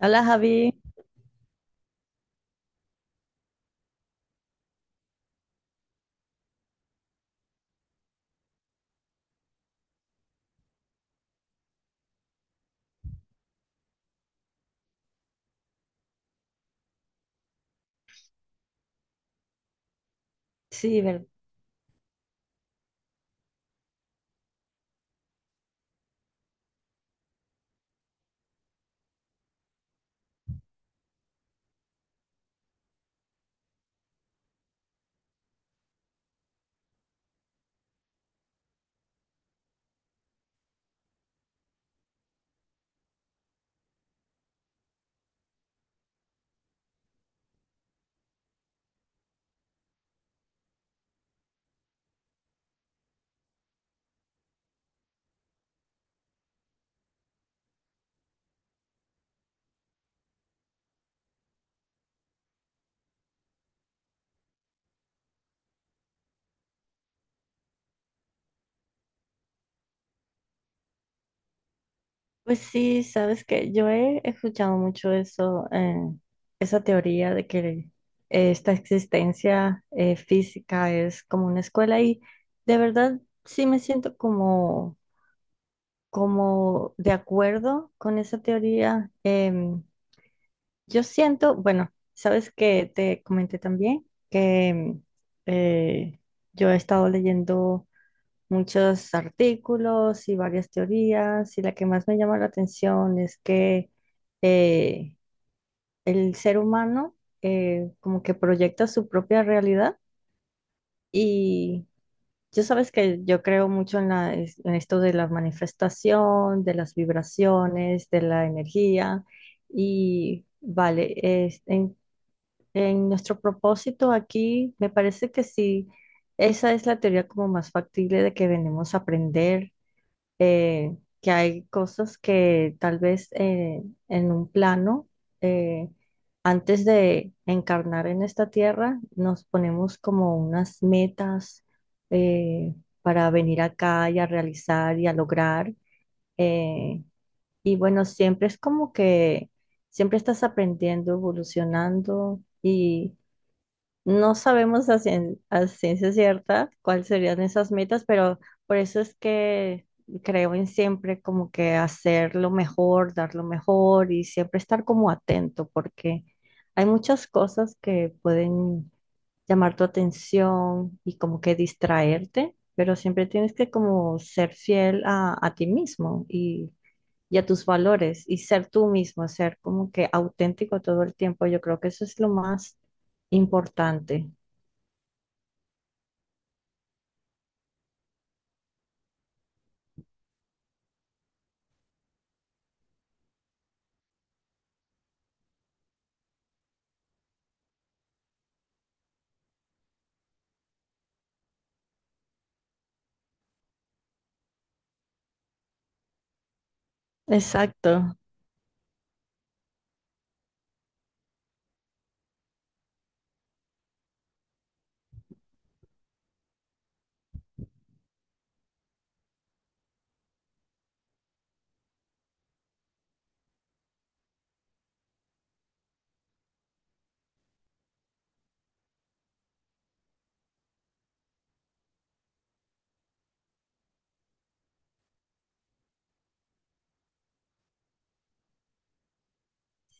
Hola Javi, sí, ver- pues sí, sabes que yo he escuchado mucho eso, esa teoría de que esta existencia física es como una escuela y de verdad sí me siento como, como de acuerdo con esa teoría. Yo siento, bueno, sabes que te comenté también que eh, yo he estado leyendo muchos artículos y varias teorías, y la que más me llama la atención es que eh, el ser humano como que proyecta su propia realidad y yo sabes que yo creo mucho en la, en esto de la manifestación, de las vibraciones, de la energía y vale, es- en, en nuestro propósito aquí me parece que sí, esa es la teoría como más factible de que venimos a aprender, eh, que hay cosas que tal vez en un plano, eh, antes de encarnar en esta tierra, nos ponemos como unas metas eh, para venir acá y a realizar y a lograr. eh, y bueno, siempre es como que siempre estás aprendiendo, evolucionando y no sabemos a ciencia cierta cuáles serían esas metas, pero por eso es que creo en siempre como que hacer lo mejor, dar lo mejor y siempre estar como atento, porque hay muchas cosas que pueden llamar tu atención y como que distraerte, pero siempre tienes que como ser fiel a ti mismo y a tus valores y ser tú mismo, ser como que auténtico todo el tiempo. Yo creo que eso es lo más importante. Exacto.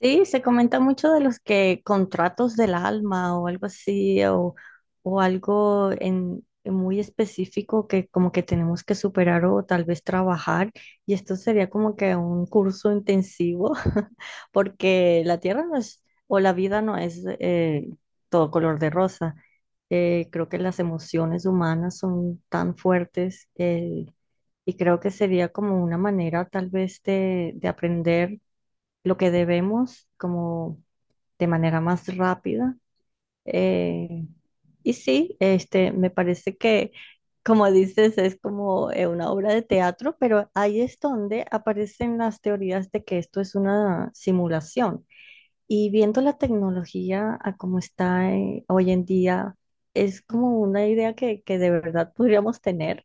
Sí, se comenta mucho de los que contratos del alma o algo así, o algo en muy específico que como que tenemos que superar o tal vez trabajar. Y esto sería como que un curso intensivo, porque la tierra no es, o la vida no es todo color de rosa. Creo que las emociones humanas son tan fuertes y creo que sería como una manera tal vez de aprender lo que debemos como de manera más rápida. Eh, y sí, este, me parece que, como dices, es como una obra de teatro, pero ahí es donde aparecen las teorías de que esto es una simulación. Y viendo la tecnología a cómo está hoy en día, es como una idea que de verdad podríamos tener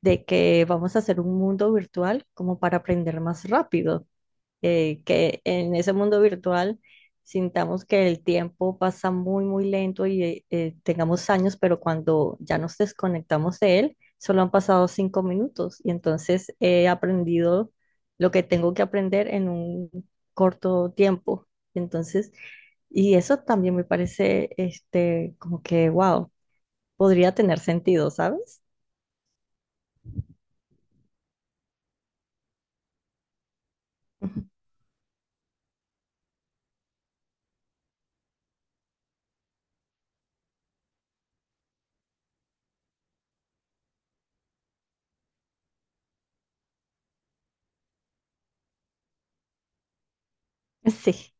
de que vamos a hacer un mundo virtual como para aprender más rápido, que en ese mundo virtual sintamos que el tiempo pasa muy, muy lento y tengamos años, pero cuando ya nos desconectamos de él, solo han pasado 5 minutos y entonces he aprendido lo que tengo que aprender en un corto tiempo. Entonces, y eso también me parece, este, como que, wow, podría tener sentido, ¿sabes? Sí.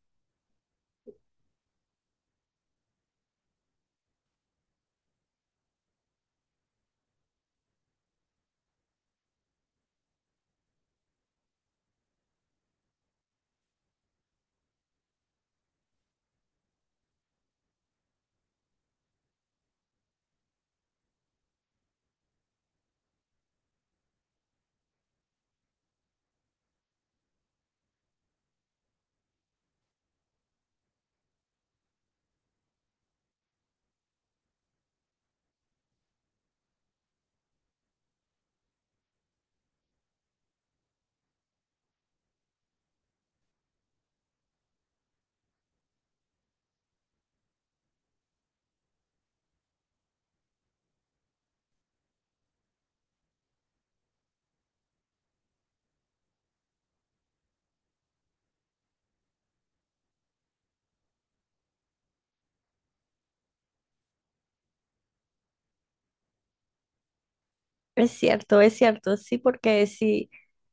Es cierto, sí, porque si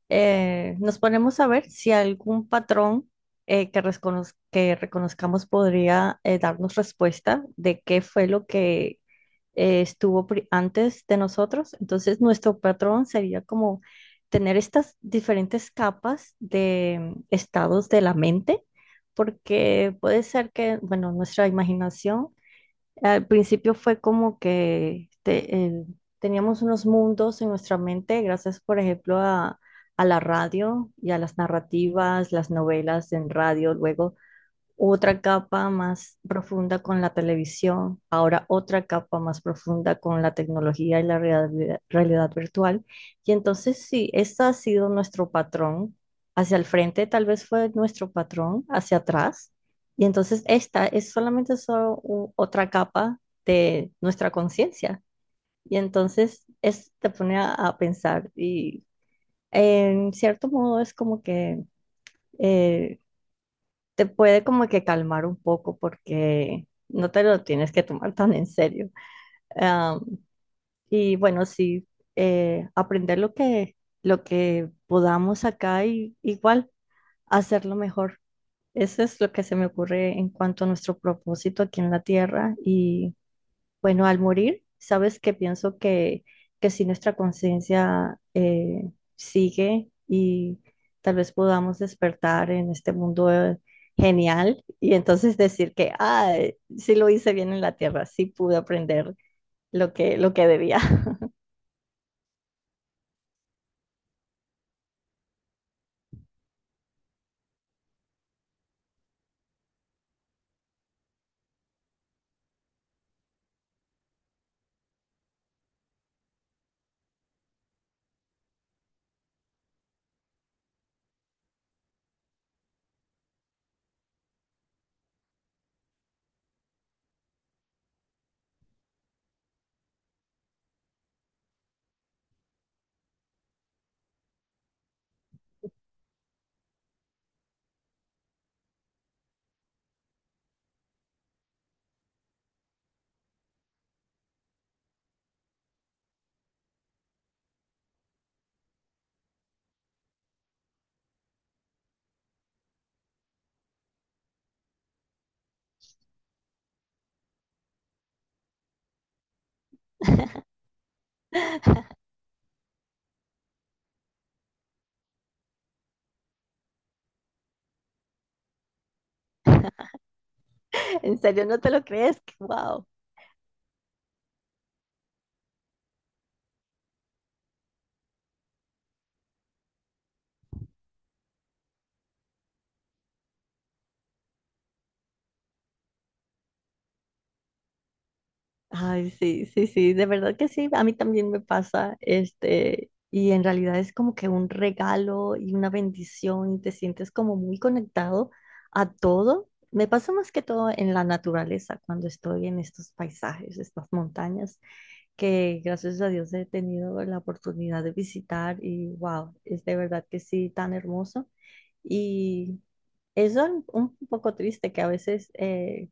nos ponemos a ver si algún patrón que reconozcamos podría darnos respuesta de qué fue lo que antes de nosotros, entonces nuestro patrón sería como tener estas diferentes capas de estados de la mente, porque puede ser que, bueno, nuestra imaginación al principio fue como que este, teníamos unos mundos en nuestra mente, gracias, por ejemplo, a la radio y a las narrativas, las novelas en radio. Luego otra capa más profunda con la televisión, ahora otra capa más profunda con la tecnología y la realidad virtual. Y entonces sí, ese ha sido nuestro patrón. Hacia el frente tal vez fue nuestro patrón, hacia atrás. Y entonces esta es solamente otra capa de nuestra conciencia. Y entonces es, te pone a pensar y en cierto modo es como que eh, te puede como que calmar un poco porque no te lo tienes que tomar tan en serio. Am, y bueno, sí, aprender lo que podamos acá y igual hacerlo mejor. Eso es lo que se me ocurre en cuanto a nuestro propósito aquí en la Tierra y bueno, al morir, sabes que pienso que si nuestra conciencia sigue y tal vez podamos despertar en este mundo genial y entonces decir que, ah, sí lo hice bien en la tierra, sí pude aprender lo que debía. En serio, ¿no te lo crees? Wow. Ay, sí, sí, sí, de verdad que sí, a mí también me pasa, este, y en realidad es como que un regalo y una bendición, y te sientes como muy conectado a todo. Me pasa más que todo en la naturaleza, cuando estoy en estos paisajes, estas montañas, que gracias a Dios he tenido la oportunidad de visitar y wow, es de verdad que sí, tan hermoso. Y es un poco triste que a veces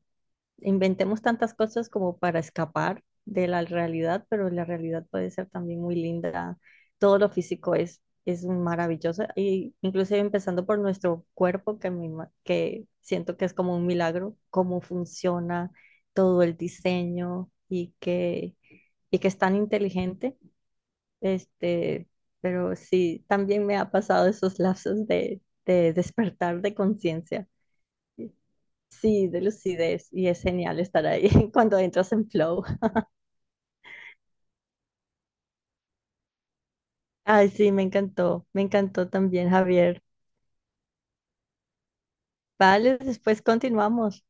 inventemos tantas cosas como para escapar de la realidad, pero la realidad puede ser también muy linda. Todo lo físico es maravilloso, y inclusive empezando por nuestro cuerpo, que, que siento que es como un milagro, cómo funciona todo el diseño y que es tan inteligente. Este, pero sí, también me ha pasado esos lapsos de despertar de conciencia. Sí, de lucidez y es genial estar ahí cuando entras en flow. Ay, sí, me encantó también, Javier. Vale, después continuamos.